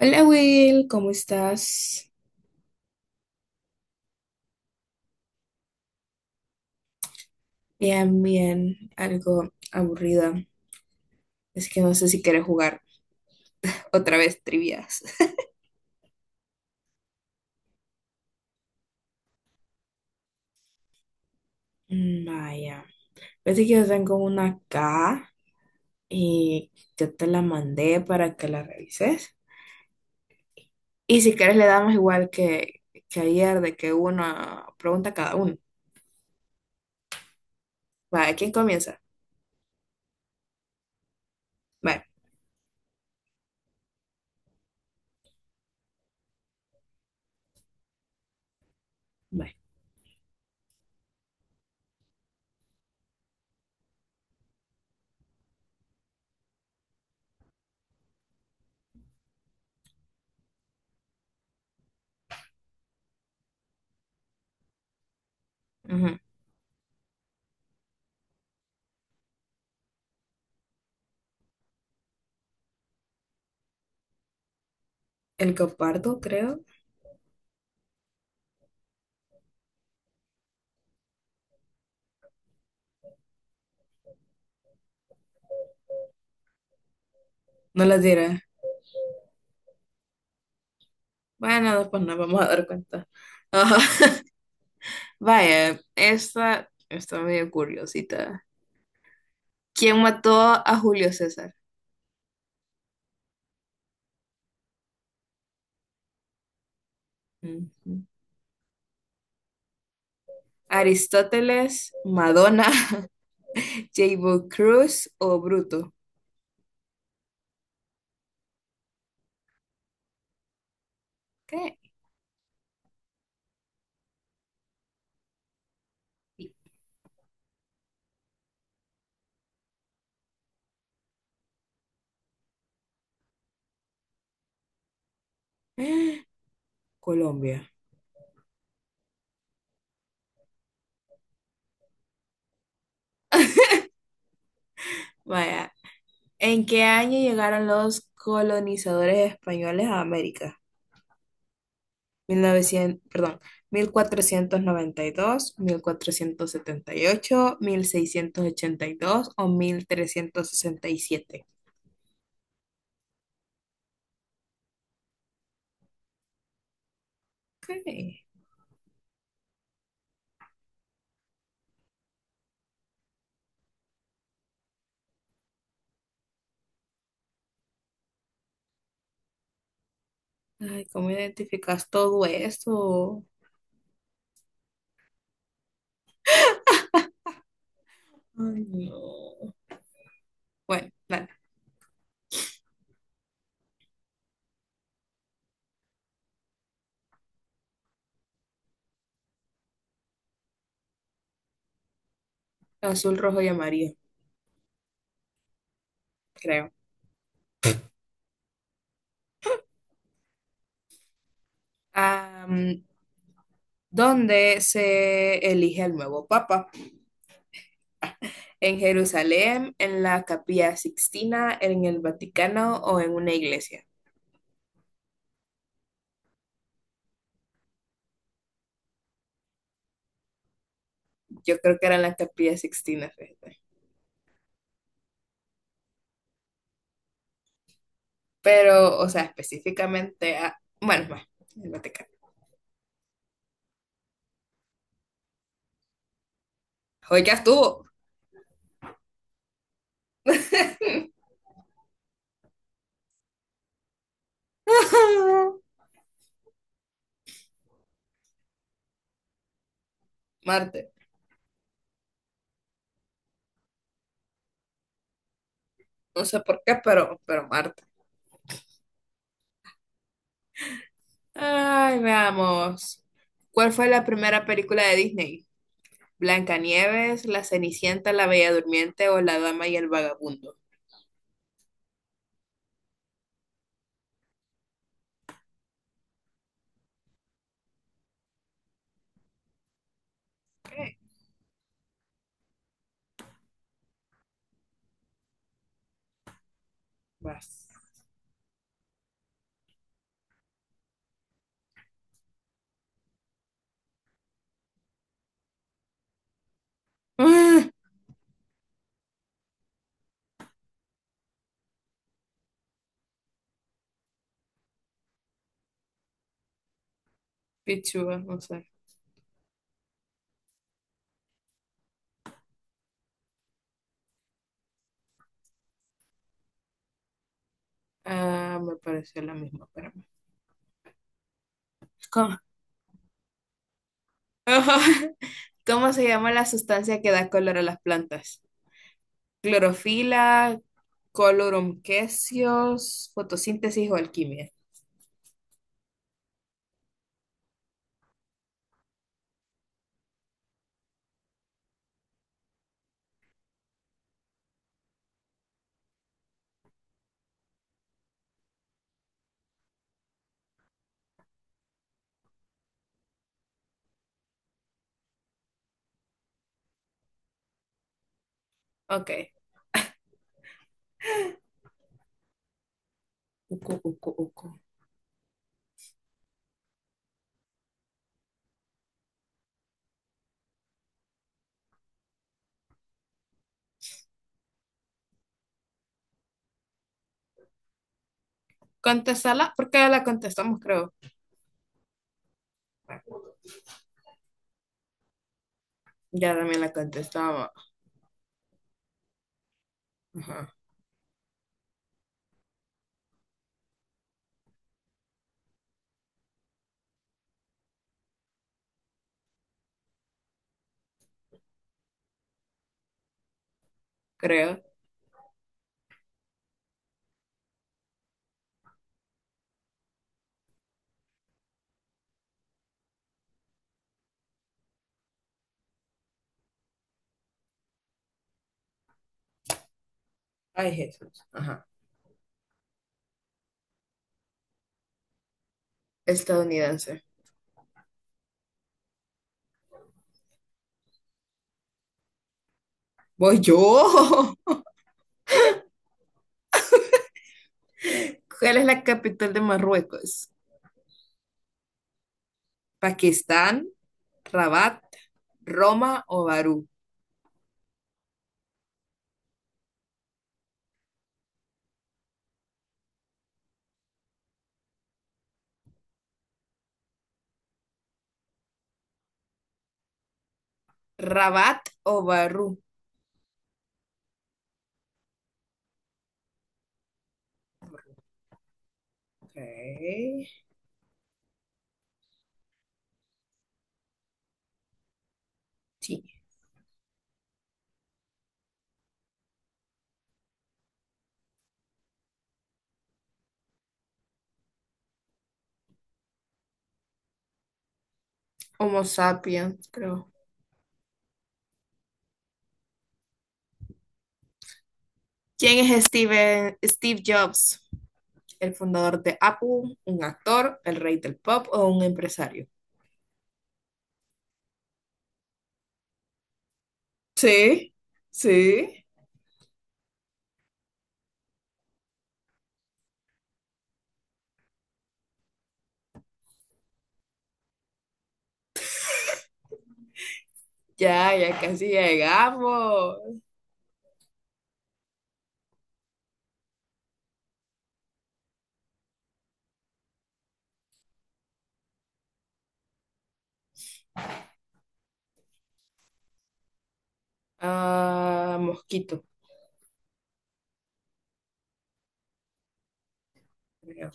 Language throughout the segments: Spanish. Hola Will, ¿cómo estás? Bien, bien, algo aburrida. Es que no sé si quieres jugar otra vez trivias. Vaya, parece que yo tengo una acá y yo te la mandé para que la revises. Y si quieres le damos igual que ayer, de que una pregunta cada uno. Vaya, ¿quién comienza? Vale, vale. Ujú. El copardo, creo. No las diré. Bueno, después nos vamos a dar cuenta. Vaya, esta está medio curiosita. ¿Quién mató a Julio César? Ujú. ¿Aristóteles, Madonna, J.B. Cruz o Bruto? ¿Qué? Colombia. Vaya, ¿en qué año llegaron los colonizadores españoles a América? 1900, perdón, mil cuatrocientos noventa y dos, 1478, 1682 o 1367. Ok. Ay, ¿cómo identificas todo eso? Ay, no. Bueno, dale. Azul, rojo y amarillo, creo. Am, ¿Dónde se elige al nuevo papa? ¿En Jerusalén, en la Capilla Sixtina, en el Vaticano o en una iglesia? Yo creo que era en la Capilla Sixtina, fíjate. Pero, o sea, específicamente a... Bueno, va, el Vaticano. Hoy ya estuvo. Marte. No sé por qué, pero, Marte. Ay, veamos. ¿Cuál fue la primera película de Disney? ¿Blancanieves, La Cenicienta, La Bella Durmiente o La Dama y el Vagabundo? Vas. Ah, Pichúa, no sé. Ah, me pareció la misma, espérame. ¿Cómo? ¿Cómo se llama la sustancia que da color a las plantas? ¿Clorofila, colorum quesios, fotosíntesis o alquimia? Ok. Ucu, ucu, ucu. Contestarla porque ya la contestamos, creo. Ya también la contestaba. Ajá. Creo. Ay, Jesús. Ajá. Estadounidense. Voy yo. ¿Cuál es la capital de Marruecos? Pakistán, Rabat, Roma o Barú. Rabat o Barú. Ok. Sí. Homo sapiens, creo. ¿Quién es Steven, Steve Jobs? ¿El fundador de Apple, un actor, el rey del pop o un empresario? Sí, sí. Ya, ya casi llegamos. Ah, mosquito, creo.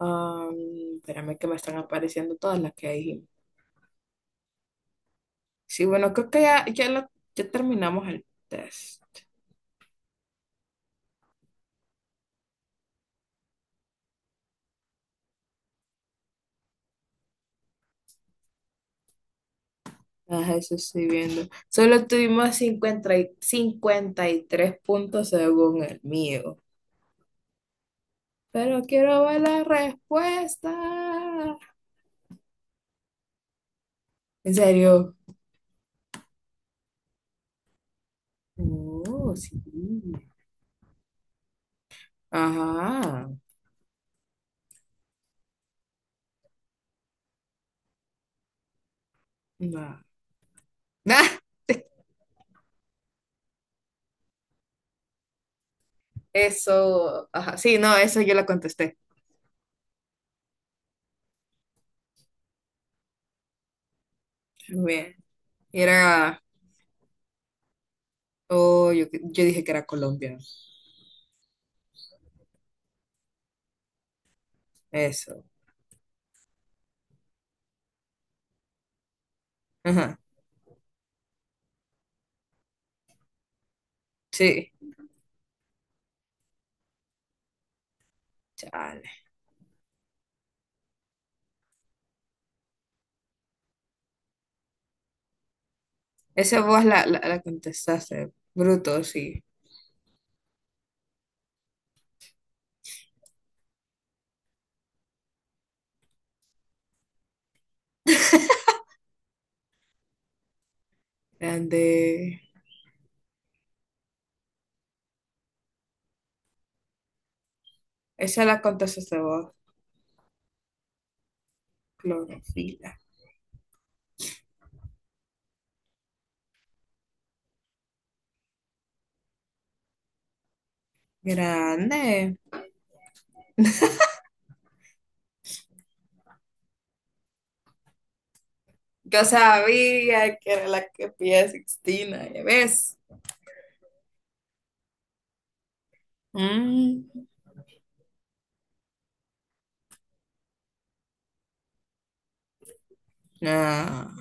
Ah, espérame que me están apareciendo todas las que dijimos. Sí, bueno, creo que ya, ya, ya terminamos el test. Ah, eso estoy viendo. Solo tuvimos 53 puntos según el mío. Pero quiero ver la respuesta. ¿En serio? Oh, sí. Ajá. No. Ah, eso. Ajá. Sí, no, eso yo la contesté. Bien. Era. Oh, yo dije que era colombiano. Eso. Ajá. Sí, chale. Esa voz la contestaste. Bruto, sí. Grande. Esa la contestaste vos. Clorofila. Grande. Yo sabía que era la que pide Sixtina, ¿ya ves? Mm. Ah,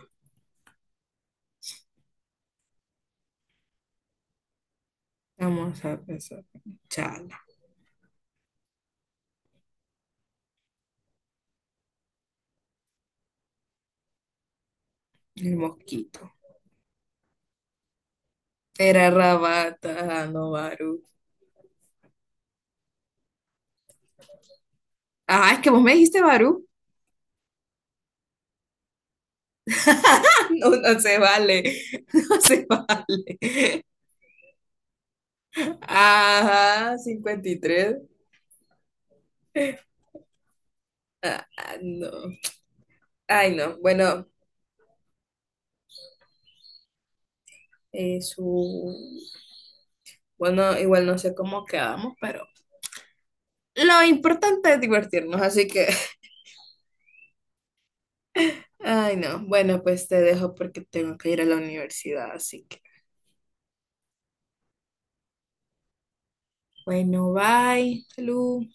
vamos a pensar. Chala. El mosquito. Era Rabata, no Barú. Ah, es que vos me dijiste Barú. No, no se vale. No se vale. Ajá, 53. Ah, no. Ay, no. Bueno, su... Bueno, igual no sé cómo quedamos, pero lo importante es divertirnos, así que... Ay, no. Bueno, pues te dejo porque tengo que ir a la universidad, así que... Bueno, bye. Salud.